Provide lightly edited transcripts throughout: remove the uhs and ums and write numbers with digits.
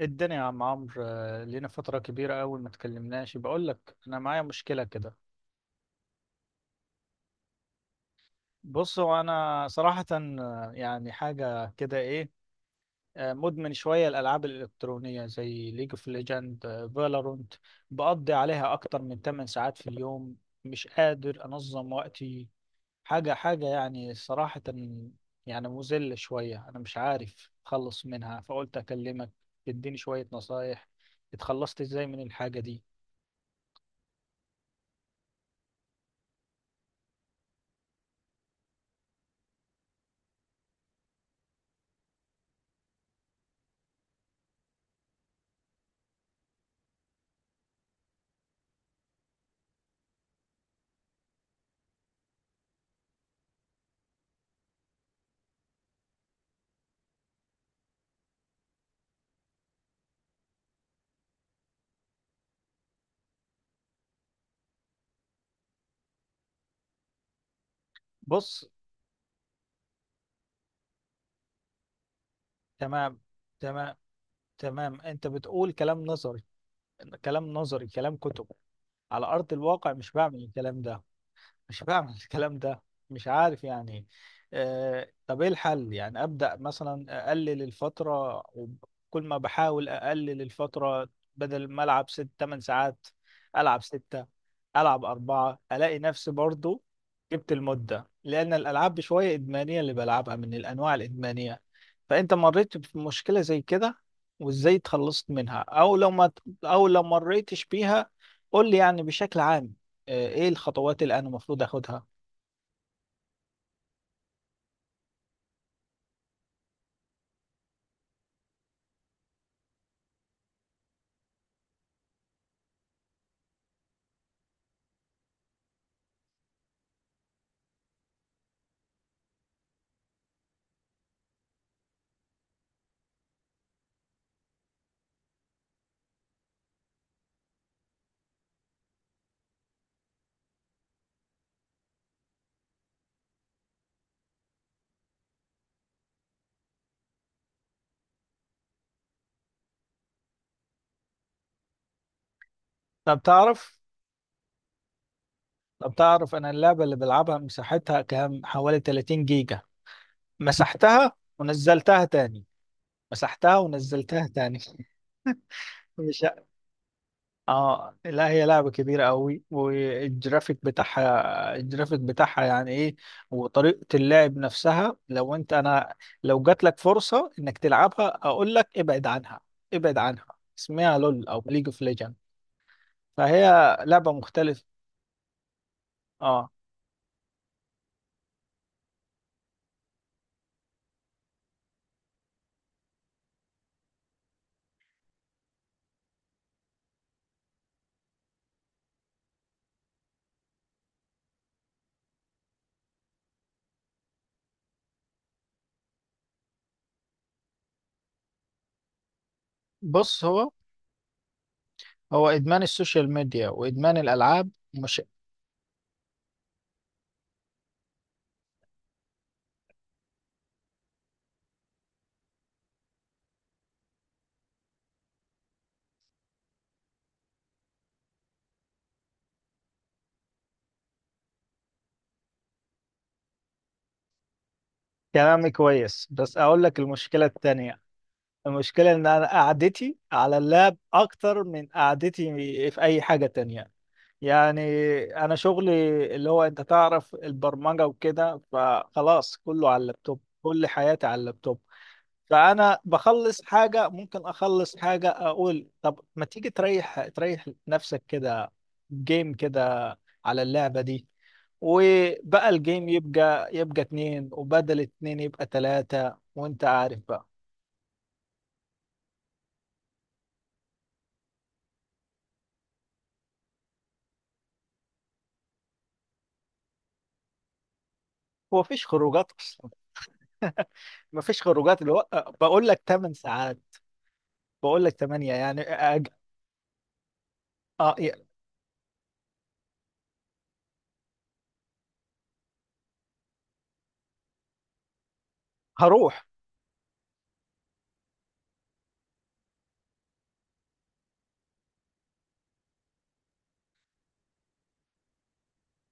الدنيا يا عم عمرو، لينا فترة كبيرة أوي ما تكلمناش. بقول لك أنا معايا مشكلة كده. بص، هو أنا صراحة يعني حاجة كده إيه. مدمن شوية الألعاب الإلكترونية زي ليج اوف ليجند، فالورنت. بقضي عليها أكتر من 8 ساعات في اليوم. مش قادر أنظم وقتي. حاجة يعني صراحة، يعني مذلة شوية. أنا مش عارف أخلص منها، فقلت أكلمك تديني شوية نصايح. اتخلصت إزاي من الحاجة دي؟ بص. تمام، تمام. تمام، انت بتقول كلام نظري، كلام نظري، كلام كتب. على ارض الواقع مش بعمل الكلام ده. مش بعمل الكلام ده. مش عارف يعني. آه، طب ايه الحل؟ يعني ابدا مثلا اقلل الفتره، وكل ما بحاول اقلل الفتره، بدل ما العب ست تمن ساعات العب ستة، العب أربعة، الاقي نفسي برضو جبت المده. لان الالعاب بشويه ادمانيه، اللي بلعبها من الانواع الادمانيه. فانت مريت بمشكله زي كده وازاي اتخلصت منها، او لو ما او لو مريتش بيها قول لي يعني بشكل عام ايه الخطوات اللي انا المفروض اخدها؟ طب تعرف طب تعرف انا اللعبة اللي بلعبها مساحتها كام؟ حوالي 30 جيجا. مسحتها ونزلتها تاني. مسحتها ونزلتها تاني. مش، اه لا، هي لعبة كبيرة قوي، والجرافيك بتاعها، الجرافيك بتاعها يعني ايه. وطريقة اللعب نفسها، لو انت، انا لو جات لك فرصة انك تلعبها اقول لك ابعد عنها، ابعد عنها. اسمها لول او ليج اوف ليجند. فهي لعبة مختلفة. اه. بص، هو، هو إدمان السوشيال ميديا وإدمان الألعاب مش، كلامي كويس بس أقول لك المشكلة التانية. المشكلة إن أنا قعدتي على اللاب أكتر من قعدتي في أي حاجة تانية. يعني أنا شغلي اللي هو، أنت تعرف، البرمجة وكده، فخلاص كله على اللابتوب، كل حياتي على اللابتوب. فانا بخلص حاجه، ممكن اخلص حاجه اقول طب ما تيجي تريح نفسك كده، جيم كده على اللعبه دي. وبقى الجيم يبقى، يبقى اتنين، وبدل اتنين يبقى تلاتة، وانت عارف بقى. هو مفيش خروجات اصلا، مفيش خروجات اللي هو، بقول لك 8 ساعات، بقول لك 8 يعني أج... آه هروح.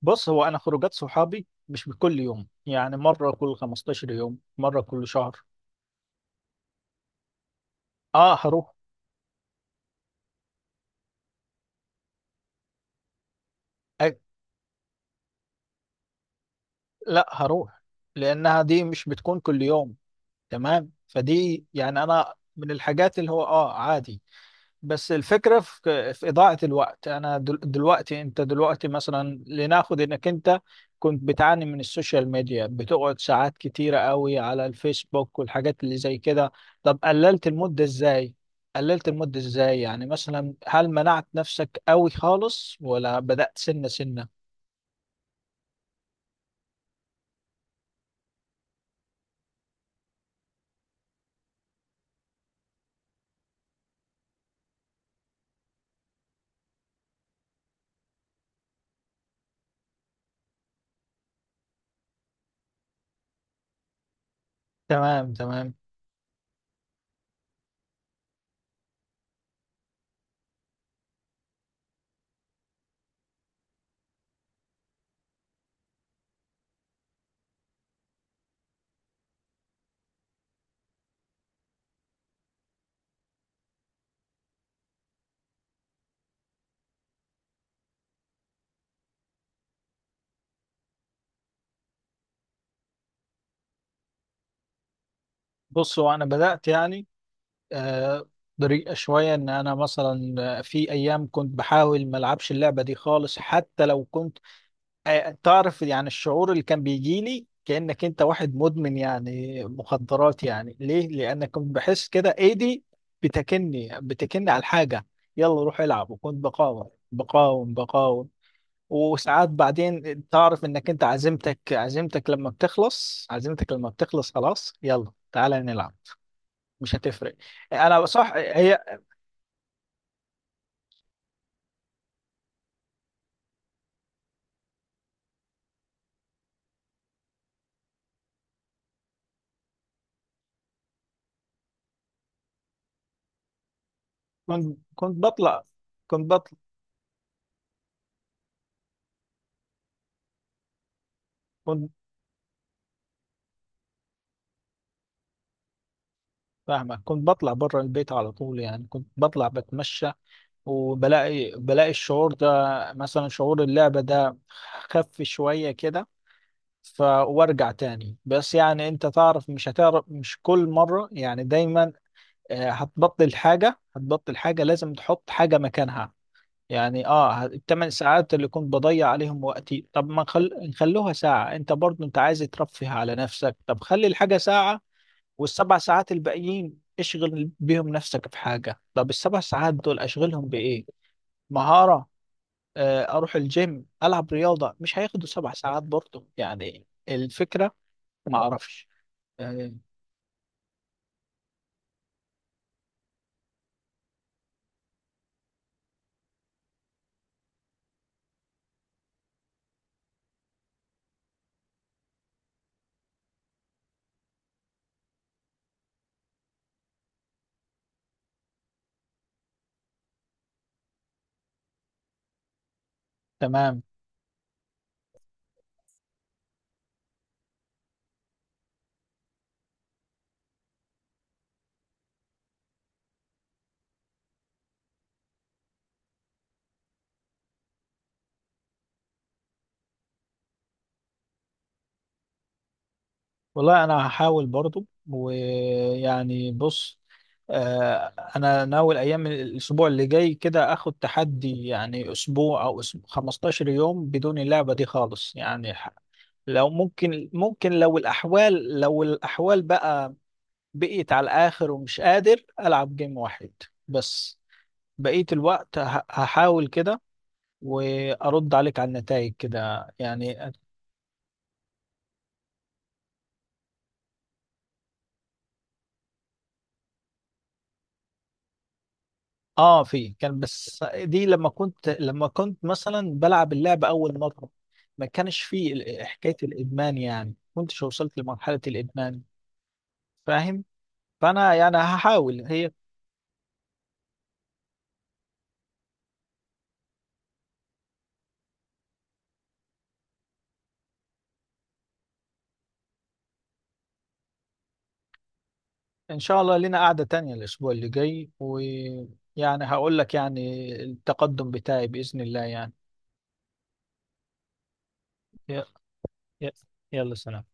بص، هو انا خروجات صحابي مش بكل يوم، يعني مرة كل 15 يوم، مرة كل شهر. اه هروح. لا هروح، لانها دي مش بتكون كل يوم. تمام، فدي يعني انا من الحاجات اللي هو اه عادي. بس الفكرة في، في إضاعة الوقت. أنا دلوقتي، أنت دلوقتي مثلا، لناخد إنك أنت كنت بتعاني من السوشيال ميديا، بتقعد ساعات كتيرة قوي على الفيسبوك والحاجات اللي زي كده. طب قللت المدة إزاي؟ قللت المدة إزاي؟ يعني مثلا هل منعت نفسك قوي خالص ولا بدأت سنة سنة؟ تمام، تمام. بصوا، أنا بدأت يعني آه، طريقة شوية. إن أنا مثلا في أيام كنت بحاول ما ألعبش اللعبة دي خالص. حتى لو كنت، تعرف يعني، الشعور اللي كان بيجي لي كأنك أنت واحد مدمن يعني، مخدرات يعني. ليه؟ لأن كنت بحس كده إيدي بتكني على الحاجة، يلا روح العب. وكنت بقاوم. وساعات بعدين تعرف إنك أنت عزيمتك، عزيمتك لما بتخلص، خلاص يلا تعالى نلعب، مش هتفرق. انا صح. هي، كنت كنت بطلع كنت كنت فاهمك، كنت بطلع بره البيت على طول. يعني كنت بطلع بتمشى، وبلاقي، بلاقي الشعور ده، مثلا شعور اللعبة ده، خف شوية كده. ف وارجع تاني. بس يعني انت تعرف، مش هتعرف، مش كل مرة يعني دايما. هتبطل حاجة، هتبطل حاجة لازم تحط حاجة مكانها. يعني اه الثمان ساعات اللي كنت بضيع عليهم وقتي، طب ما نخلوها ساعة، انت برضو انت عايز ترفه على نفسك، طب خلي الحاجة ساعة، والسبع ساعات الباقيين اشغل بيهم نفسك بحاجة. طب السبع ساعات دول اشغلهم بإيه؟ مهارة، اروح الجيم، العب رياضة. مش هياخدوا سبع ساعات برضه يعني الفكرة. ما اعرفش. آه، تمام. والله انا هحاول برضه. ويعني بص، آه، انا ناوي ايام الاسبوع اللي جاي كده اخد تحدي. يعني اسبوع او أسبوع 15 يوم بدون اللعبة دي خالص يعني. لو ممكن، ممكن، لو الأحوال، لو الأحوال بقى بقيت على الآخر ومش قادر، ألعب جيم واحد بس، بقية الوقت هحاول كده، وأرد عليك على النتائج كده يعني. آه في، كان، بس دي لما كنت، لما كنت مثلا بلعب اللعبة أول مرة، ما كانش فيه حكاية الإدمان، يعني كنتش وصلت لمرحلة الإدمان. فاهم؟ فأنا يعني هحاول. هي إن شاء الله لنا قعدة تانية الأسبوع اللي جاي، ويعني هقول لك يعني التقدم بتاعي بإذن الله يعني. ي- ي- يلا سلام.